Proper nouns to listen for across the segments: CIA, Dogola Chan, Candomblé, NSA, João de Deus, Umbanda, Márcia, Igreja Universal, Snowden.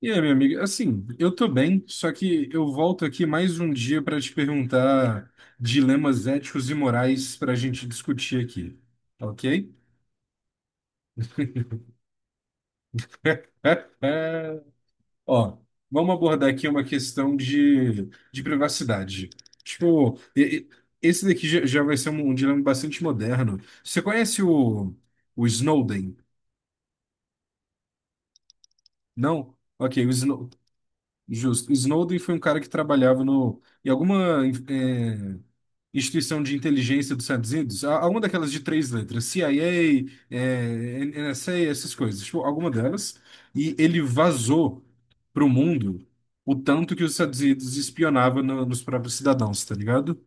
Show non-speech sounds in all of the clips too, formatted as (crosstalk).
E aí, minha amiga, eu tô bem, só que eu volto aqui mais um dia para te perguntar dilemas éticos e morais para a gente discutir aqui, ok? (laughs) Ó, vamos abordar aqui uma questão de privacidade. Tipo, esse daqui já vai ser um dilema bastante moderno. Você conhece o Snowden? Não? Ok, Justo. Snowden foi um cara que trabalhava no, em alguma eh, instituição de inteligência dos Estados Unidos, alguma daquelas de três letras, CIA, NSA, essas coisas, tipo, alguma delas, e ele vazou para o mundo o tanto que os Estados Unidos espionava nos próprios cidadãos, tá ligado?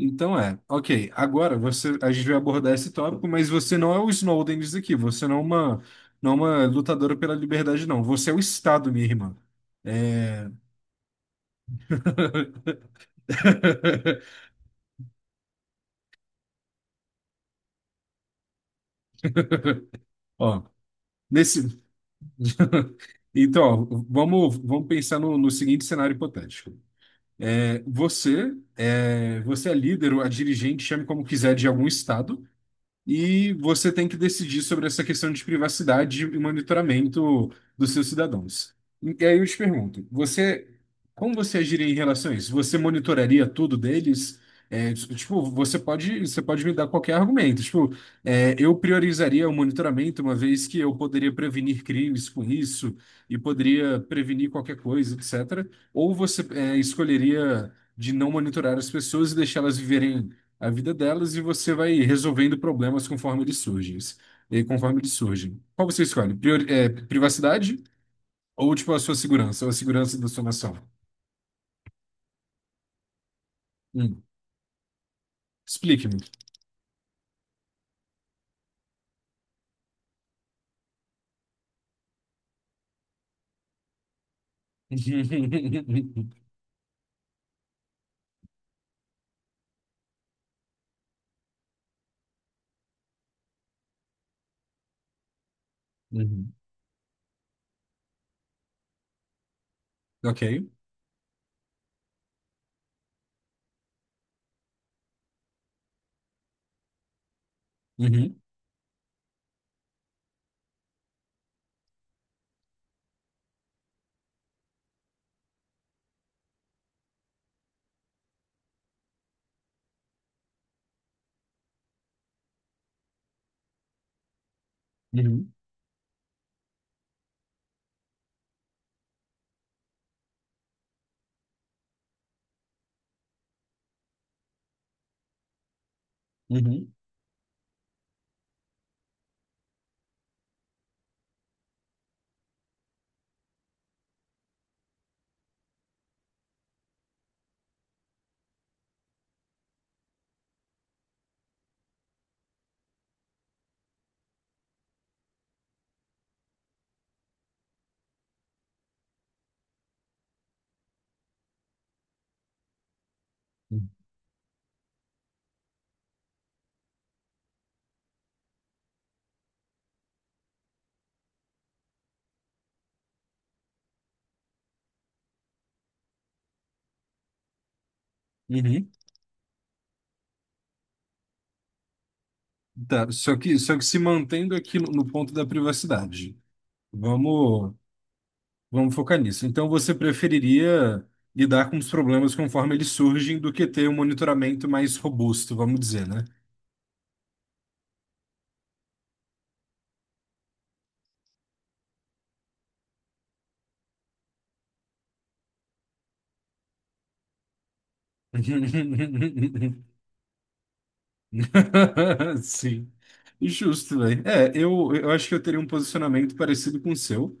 Ok, agora a gente vai abordar esse tópico, mas você não é o Snowden disso aqui, você não é não é uma lutadora pela liberdade, não, você é o Estado, minha irmã. É, (laughs) Ó, nesse, ó, vamos pensar no seguinte cenário hipotético. É, você é líder ou a dirigente, chame como quiser, de algum estado. E você tem que decidir sobre essa questão de privacidade e monitoramento dos seus cidadãos. E aí eu te pergunto, como você agiria em relação a isso? Você monitoraria tudo deles? É, tipo, você pode me dar qualquer argumento. Tipo, é, eu priorizaria o monitoramento, uma vez que eu poderia prevenir crimes com isso e poderia prevenir qualquer coisa, etc. Ou você, é, escolheria de não monitorar as pessoas e deixá-las viverem a vida delas e você vai resolvendo problemas conforme eles surgem. E conforme eles surgem. Qual você escolhe? Privacidade ou tipo a sua segurança, ou a segurança da sua nação? Hum. Explique-me. (laughs) Uhum. Ok. Uhum. Uhum. Uhum. Uhum. Tá, só que se mantendo aqui no ponto da privacidade. Vamos, vamos focar nisso. Então você preferiria lidar com os problemas conforme eles surgem do que ter um monitoramento mais robusto, vamos dizer, né? (laughs) Sim. Justo, velho. É, eu acho que eu teria um posicionamento parecido com o seu,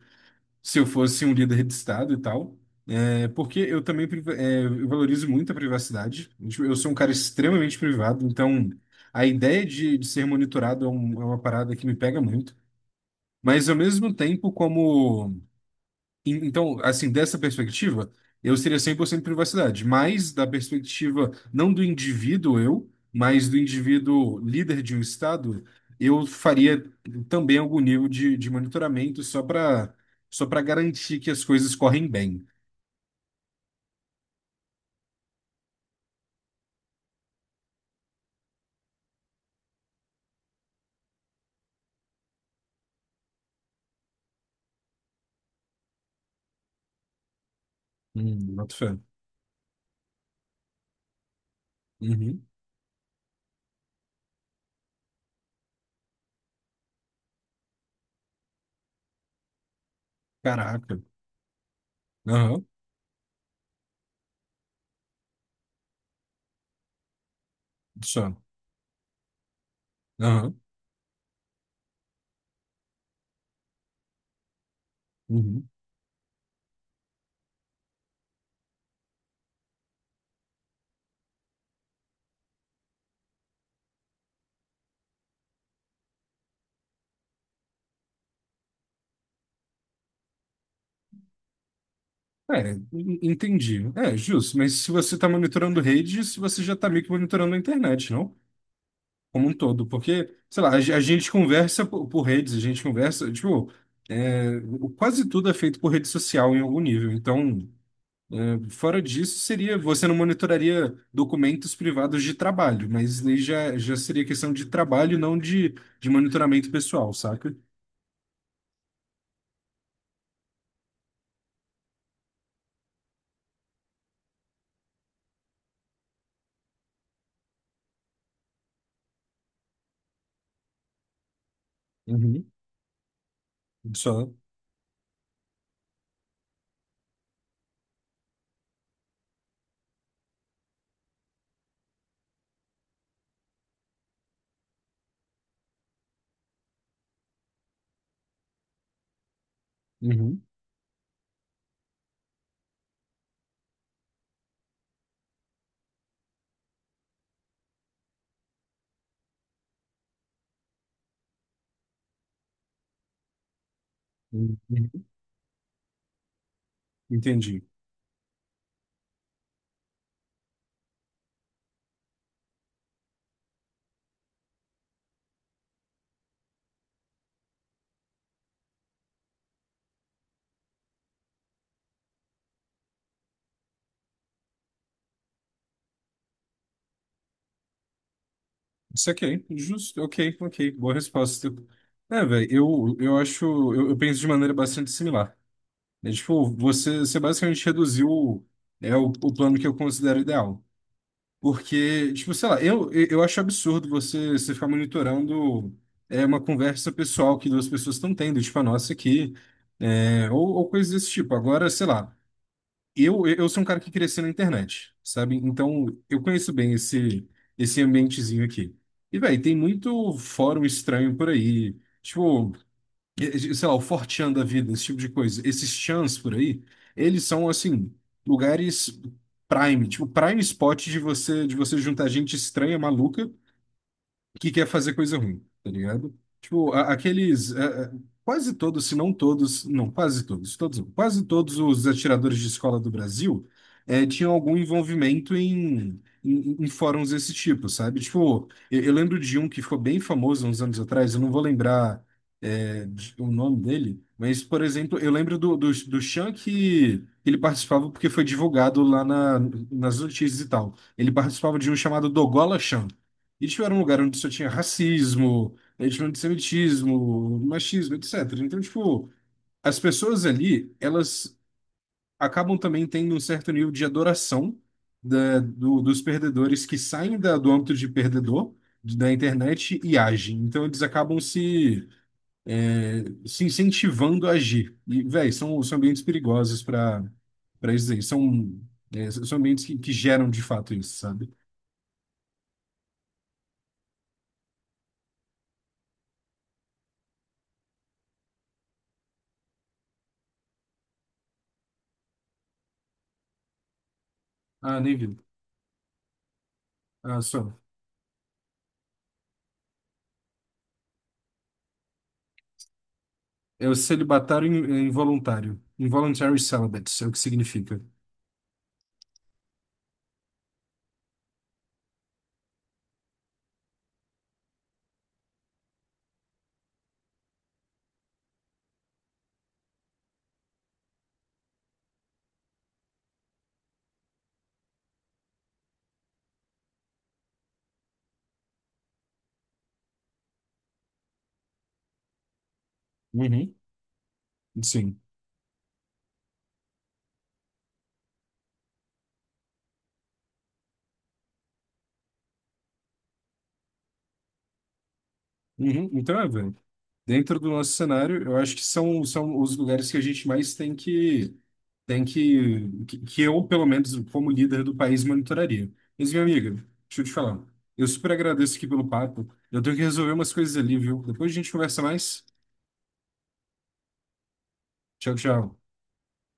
se eu fosse um líder de Estado e tal. É, porque eu também eu valorizo muito a privacidade. Tipo, eu sou um cara extremamente privado, então a ideia de ser monitorado é, é uma parada que me pega muito. Mas ao mesmo tempo, então, assim, dessa perspectiva, eu seria 100% privacidade, mas da perspectiva não do indivíduo eu, mas do indivíduo líder de um estado, eu faria também algum nível de monitoramento só para só para garantir que as coisas correm bem. Boto fé. Uhum. Caraca. Aham. Só. Aham. Uhum. É, entendi. É, justo, mas se você está monitorando redes, você já está meio que monitorando a internet, não? Como um todo, porque, sei lá, a gente conversa por redes, a gente conversa, tipo, é, quase tudo é feito por rede social em algum nível. Então, é, fora disso, seria, você não monitoraria documentos privados de trabalho, mas aí já seria questão de trabalho, não de, de monitoramento pessoal, saca? Uhum. Só. Uhum, uhum, uhum. Entendi. Isso aqui, justo, ok, ok, boa resposta. É, velho, eu acho, eu penso de maneira bastante similar. Né? Tipo, você basicamente reduziu é, o plano que eu considero ideal. Porque, tipo, sei lá, eu acho absurdo você ficar monitorando é, uma conversa pessoal que duas pessoas estão tendo, tipo a nossa aqui, é, ou coisas desse tipo. Agora, sei lá, eu sou um cara que cresceu na internet, sabe? Então, eu conheço bem esse, esse ambientezinho aqui. E, velho, tem muito fórum estranho por aí. Tipo, sei lá, o Fortean da vida, esse tipo de coisa, esses chans por aí, eles são assim, lugares prime, tipo prime spot de você juntar gente estranha, maluca que quer fazer coisa ruim, tá ligado? Tipo, aqueles. É, é, quase todos, se não todos. Não, quase todos, todos, não, quase todos os atiradores de escola do Brasil é, tinham algum envolvimento em fóruns desse tipo, sabe? Tipo, eu lembro de um que ficou bem famoso uns anos atrás, eu não vou lembrar é, o nome dele, mas, por exemplo, eu lembro do Chan que. Ele participava porque foi divulgado lá nas notícias e tal. Ele participava de um chamado Dogola Chan, e tipo, era um lugar onde só tinha racismo, né, tinha antissemitismo, machismo, etc. Então, tipo, as pessoas ali, elas acabam também tendo um certo nível de adoração dos perdedores que saem do âmbito de perdedor da internet e agem. Então, eles acabam se incentivando a agir. E, velho, são, são ambientes perigosos para para isso aí. São, é, são ambientes que geram de fato isso, sabe? Ah, nem vi. Ah, só. É o celibatário é involuntário. Involuntary celibate, é o que significa. Uhum. Sim. Uhum. Então, é, velho. Dentro do nosso cenário, eu acho que são, são os lugares que a gente mais tem que, tem que eu, pelo menos, como líder do país, monitoraria. Mas, minha amiga, deixa eu te falar. Eu super agradeço aqui pelo papo. Eu tenho que resolver umas coisas ali, viu? Depois a gente conversa mais. Tchau, tchau.